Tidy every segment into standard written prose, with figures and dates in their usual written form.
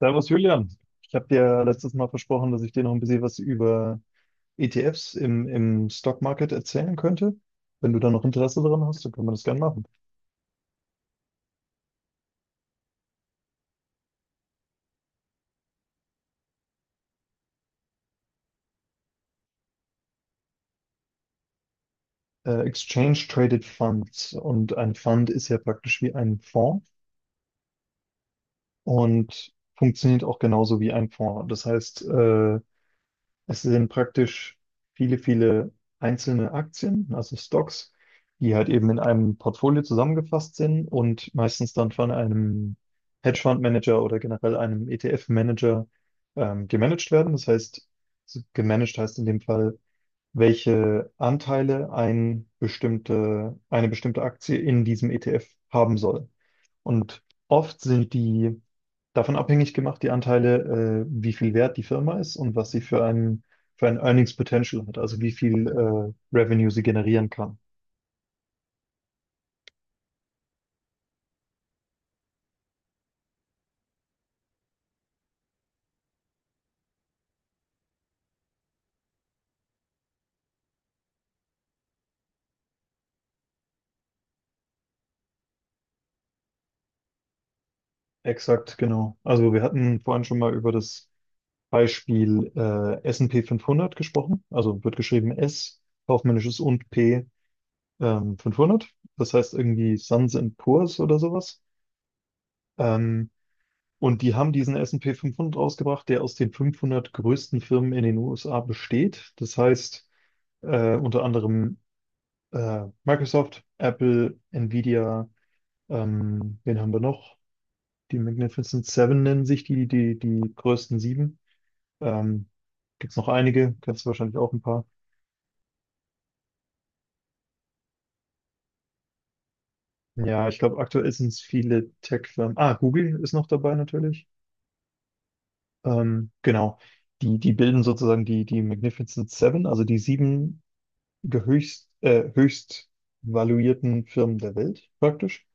Servus Julian, ich habe dir letztes Mal versprochen, dass ich dir noch ein bisschen was über ETFs im Stock Market erzählen könnte. Wenn du da noch Interesse daran hast, dann können wir das gerne machen. Exchange Traded Funds und ein Fund ist ja praktisch wie ein Fonds und funktioniert auch genauso wie ein Fonds. Das heißt, es sind praktisch viele, viele einzelne Aktien, also Stocks, die halt eben in einem Portfolio zusammengefasst sind und meistens dann von einem Hedgefondsmanager oder generell einem ETF-Manager gemanagt werden. Das heißt, so gemanagt heißt in dem Fall, welche Anteile eine bestimmte Aktie in diesem ETF haben soll. Und oft sind die davon abhängig gemacht, die Anteile, wie viel wert die Firma ist und was sie für ein Earnings Potential hat, also wie viel Revenue sie generieren kann. Exakt, genau. Also wir hatten vorhin schon mal über das Beispiel S&P fünfhundert gesprochen. Also wird geschrieben S, kaufmännisches und P 500. Das heißt irgendwie Suns and Poors oder sowas. Ähm, Und die haben diesen S&P 500 rausgebracht, der aus den 500 größten Firmen in den USA besteht. Das heißt, unter anderem Microsoft, Apple, Nvidia, wen haben wir noch? Die Magnificent Seven nennen sich die größten sieben. Ähm, gibt es noch einige, kennst du wahrscheinlich auch ein paar. Ja, ich glaube, aktuell sind es viele Tech-Firmen. Ah, Google ist noch dabei natürlich. Genau. Die bilden sozusagen die Magnificent Seven, also die sieben der höchst valuierten Firmen der Welt praktisch.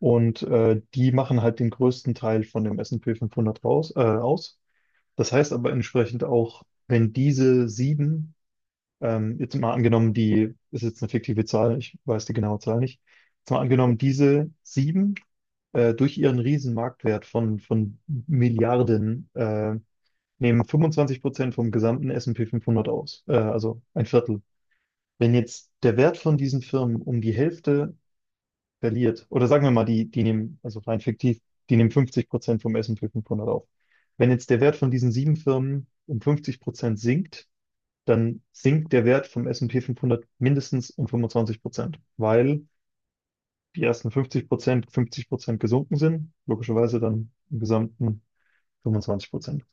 Und die machen halt den größten Teil von dem S&P 500 aus. Das heißt aber entsprechend auch, wenn diese sieben, jetzt mal angenommen, die ist jetzt eine fiktive Zahl, ich weiß die genaue Zahl nicht, jetzt mal angenommen, diese sieben durch ihren riesen Marktwert von Milliarden nehmen 25% vom gesamten S&P 500 aus, also ein Viertel, wenn jetzt der Wert von diesen Firmen um die Hälfte verliert, oder sagen wir mal, die nehmen, also rein fiktiv, die nehmen 50% vom S&P 500 auf. Wenn jetzt der Wert von diesen sieben Firmen um 50% sinkt, dann sinkt der Wert vom S&P 500 mindestens um 25%, weil die ersten 50% 50% gesunken sind, logischerweise dann im Gesamten 25%.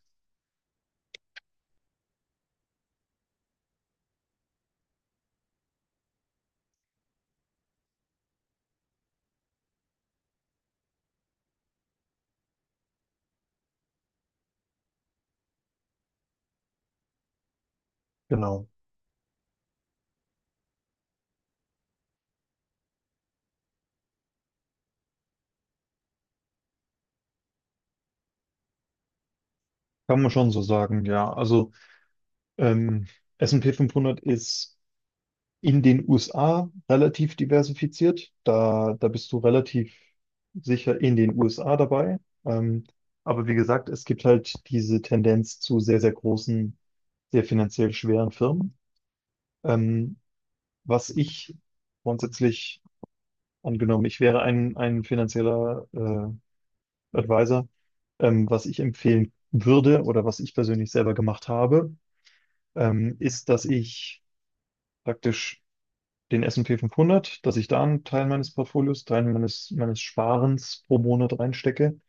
Genau. Kann man schon so sagen, ja. Also ähm, S&P 500 ist in den USA relativ diversifiziert. Da bist du relativ sicher in den USA dabei. Ähm, aber wie gesagt, es gibt halt diese Tendenz zu sehr, sehr großen, sehr finanziell schweren Firmen. Ähm, was ich grundsätzlich, angenommen, ich wäre ein finanzieller Advisor, was ich empfehlen würde oder was ich persönlich selber gemacht habe, ist, dass ich praktisch den S&P 500, dass ich da einen Teil meines Portfolios, Teil meines Sparens pro Monat reinstecke.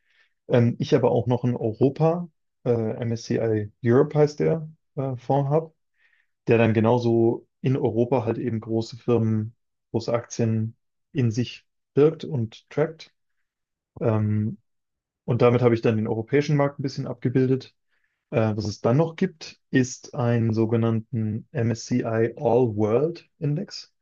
Ich aber auch noch einen Europa, äh, MSCI Europe heißt der, Fonds habe, der dann genauso in Europa halt eben große Firmen, große Aktien in sich birgt und trackt. Ähm, und damit habe ich dann den europäischen Markt ein bisschen abgebildet. Was es dann noch gibt, ist einen sogenannten MSCI All World Index,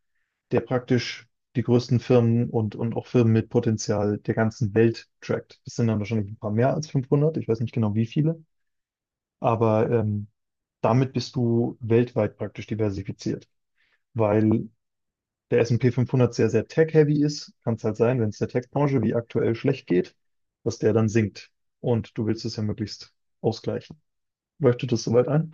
der praktisch die größten Firmen und auch Firmen mit Potenzial der ganzen Welt trackt. Das sind dann wahrscheinlich ein paar mehr als 500. Ich weiß nicht genau, wie viele, aber damit bist du weltweit praktisch diversifiziert, weil der S&P 500 sehr, sehr tech-heavy ist. Kann es halt sein, wenn es der Tech-Branche wie aktuell schlecht geht, dass der dann sinkt und du willst es ja möglichst ausgleichen. Leuchtet das soweit ein?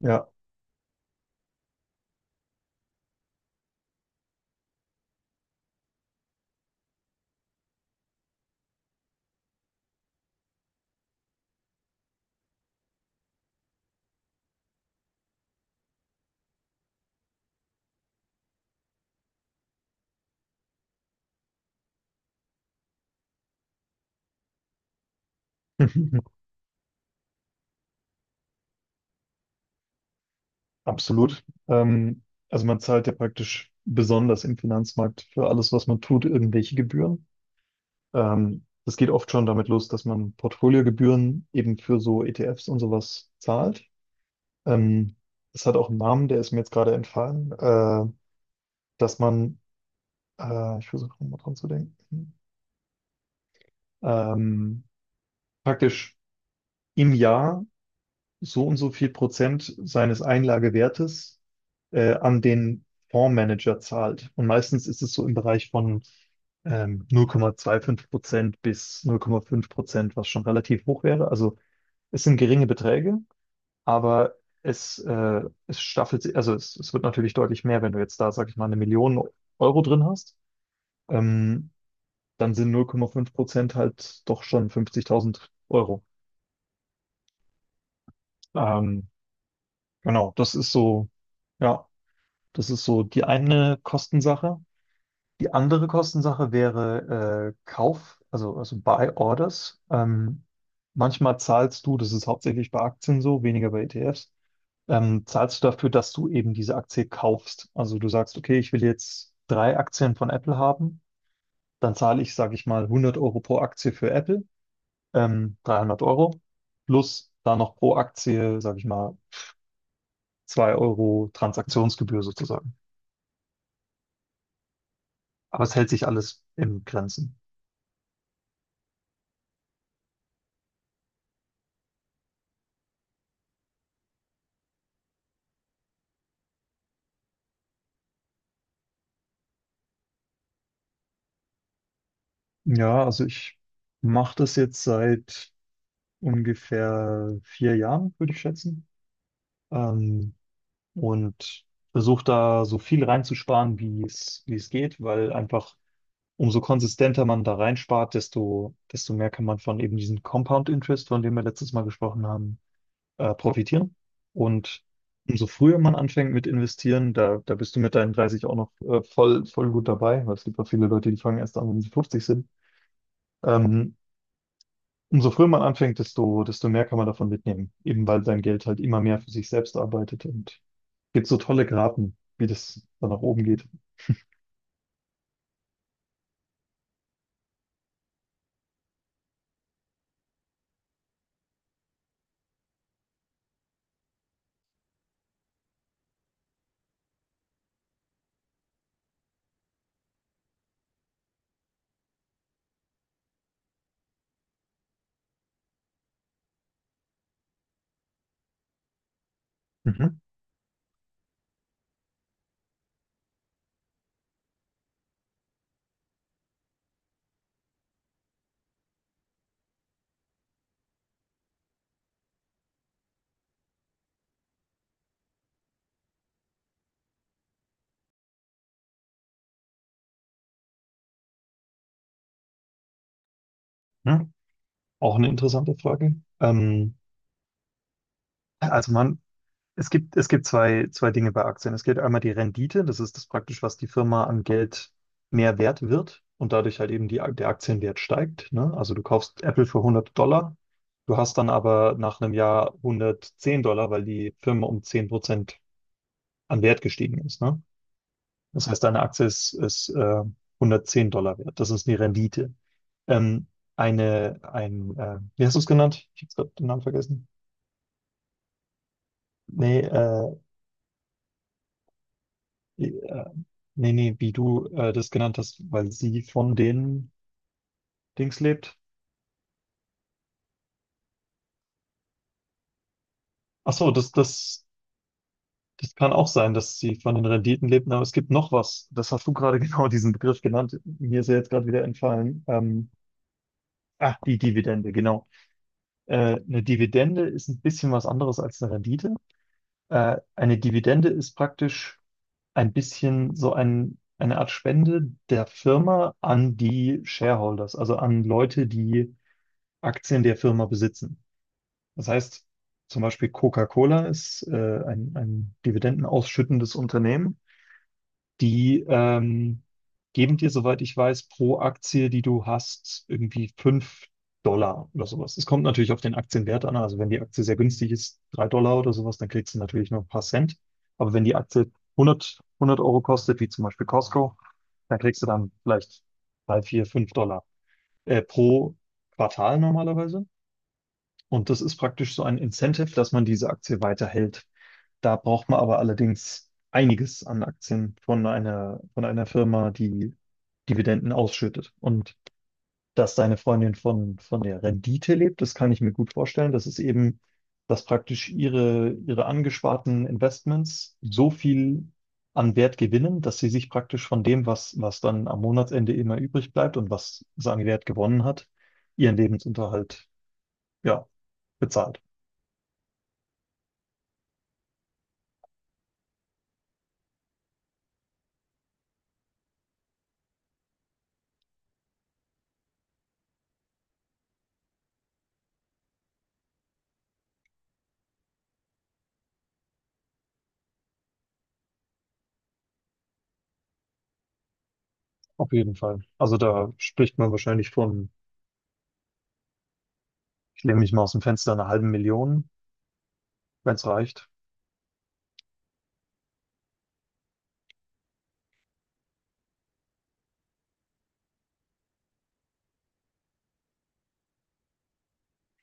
Ja. Absolut. Also man zahlt ja praktisch besonders im Finanzmarkt für alles, was man tut, irgendwelche Gebühren. Das geht oft schon damit los, dass man Portfoliogebühren eben für so ETFs und sowas zahlt. Ähm, das hat auch einen Namen, der ist mir jetzt gerade entfallen, dass man, ich versuche mal dran zu denken, ähm, praktisch im Jahr so und so viel Prozent seines Einlagewertes an den Fondsmanager zahlt. Und meistens ist es so im Bereich von 0,25% bis 0,5%, was schon relativ hoch wäre. Also es sind geringe Beträge, aber es staffelt sich, also es wird natürlich deutlich mehr, wenn du jetzt da, sag ich mal, eine Million Euro drin hast, ähm, dann sind 0,5% halt doch schon 50.000 Euro. Ähm, genau, das ist so, ja. Das ist so die eine Kostensache. Die andere Kostensache wäre Kauf, also Buy Orders. Manchmal zahlst du, das ist hauptsächlich bei Aktien so, weniger bei ETFs, zahlst du dafür, dass du eben diese Aktie kaufst. Also du sagst, okay, ich will jetzt drei Aktien von Apple haben, dann zahle ich, sage ich mal, 100 Euro pro Aktie für Apple, 300 Euro, plus da noch pro Aktie, sage ich mal, 2 Euro Transaktionsgebühr sozusagen. Aber es hält sich alles im Grenzen. Ja, also ich mache das jetzt seit ungefähr 4 Jahren, würde ich schätzen. Ähm, und versuche da so viel reinzusparen, wie es geht, weil einfach, umso konsistenter man da reinspart, desto mehr kann man von eben diesem Compound Interest, von dem wir letztes Mal gesprochen haben, profitieren. Und umso früher man anfängt mit investieren, da bist du mit deinen 30 auch noch voll, voll gut dabei, weil es gibt auch viele Leute, die fangen erst an, wenn sie 50 sind. Ähm, Umso früher man anfängt, desto mehr kann man davon mitnehmen, eben weil sein Geld halt immer mehr für sich selbst arbeitet, und gibt so tolle Graten, wie das dann nach oben geht. Mhm. Ja. Auch eine interessante Frage. Also es gibt zwei Dinge bei Aktien. Es gibt einmal die Rendite, das ist das praktisch, was die Firma an Geld mehr wert wird, und dadurch halt eben der Aktienwert steigt, ne? Also du kaufst Apple für 100 Dollar, du hast dann aber nach einem Jahr 110 Dollar, weil die Firma um 10% an Wert gestiegen ist, ne? Das heißt, eine Aktie ist 110 Dollar wert. Das ist die Rendite. Ähm, wie hast du es genannt? Ich habe gerade den Namen vergessen. Nee, äh, nee, nee, wie du das genannt hast, weil sie von den Dings lebt. Ach so, das kann auch sein, dass sie von den Renditen lebt, aber es gibt noch was. Das hast du gerade genau diesen Begriff genannt. Mir ist er jetzt gerade wieder entfallen. Ach, die Dividende, genau. Eine Dividende ist ein bisschen was anderes als eine Rendite. Eine Dividende ist praktisch ein bisschen so eine Art Spende der Firma an die Shareholders, also an Leute, die Aktien der Firma besitzen. Das heißt, zum Beispiel Coca-Cola ist ein dividendenausschüttendes Unternehmen. Die geben dir, soweit ich weiß, pro Aktie, die du hast, irgendwie 5 Dollar oder sowas. Es kommt natürlich auf den Aktienwert an. Also wenn die Aktie sehr günstig ist, 3 Dollar oder sowas, dann kriegst du natürlich nur ein paar Cent. Aber wenn die Aktie hundert Euro kostet, wie zum Beispiel Costco, dann kriegst du dann vielleicht 3 4 5 Dollar pro Quartal normalerweise. Und das ist praktisch so ein Incentive, dass man diese Aktie weiterhält. Da braucht man aber allerdings einiges an Aktien von einer Firma, die Dividenden ausschüttet. Und dass deine Freundin von der Rendite lebt, das kann ich mir gut vorstellen. Das ist eben, dass praktisch ihre angesparten Investments so viel an Wert gewinnen, dass sie sich praktisch von dem, was dann am Monatsende immer übrig bleibt und was sie an Wert gewonnen hat, ihren Lebensunterhalt, ja, bezahlt. Auf jeden Fall. Also da spricht man wahrscheinlich von, ich lehne mich mal aus dem Fenster, einer halben Million, wenn es reicht.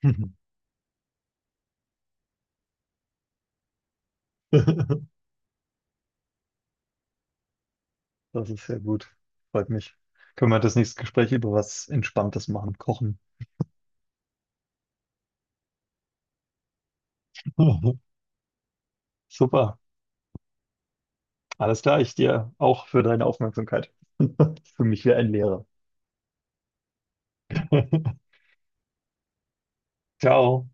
Das ist sehr gut. Freut mich. Können wir das nächste Gespräch über was Entspanntes machen? Kochen. Super. Alles klar. Ich dir auch für deine Aufmerksamkeit. Für mich wie ein Lehrer. Ciao.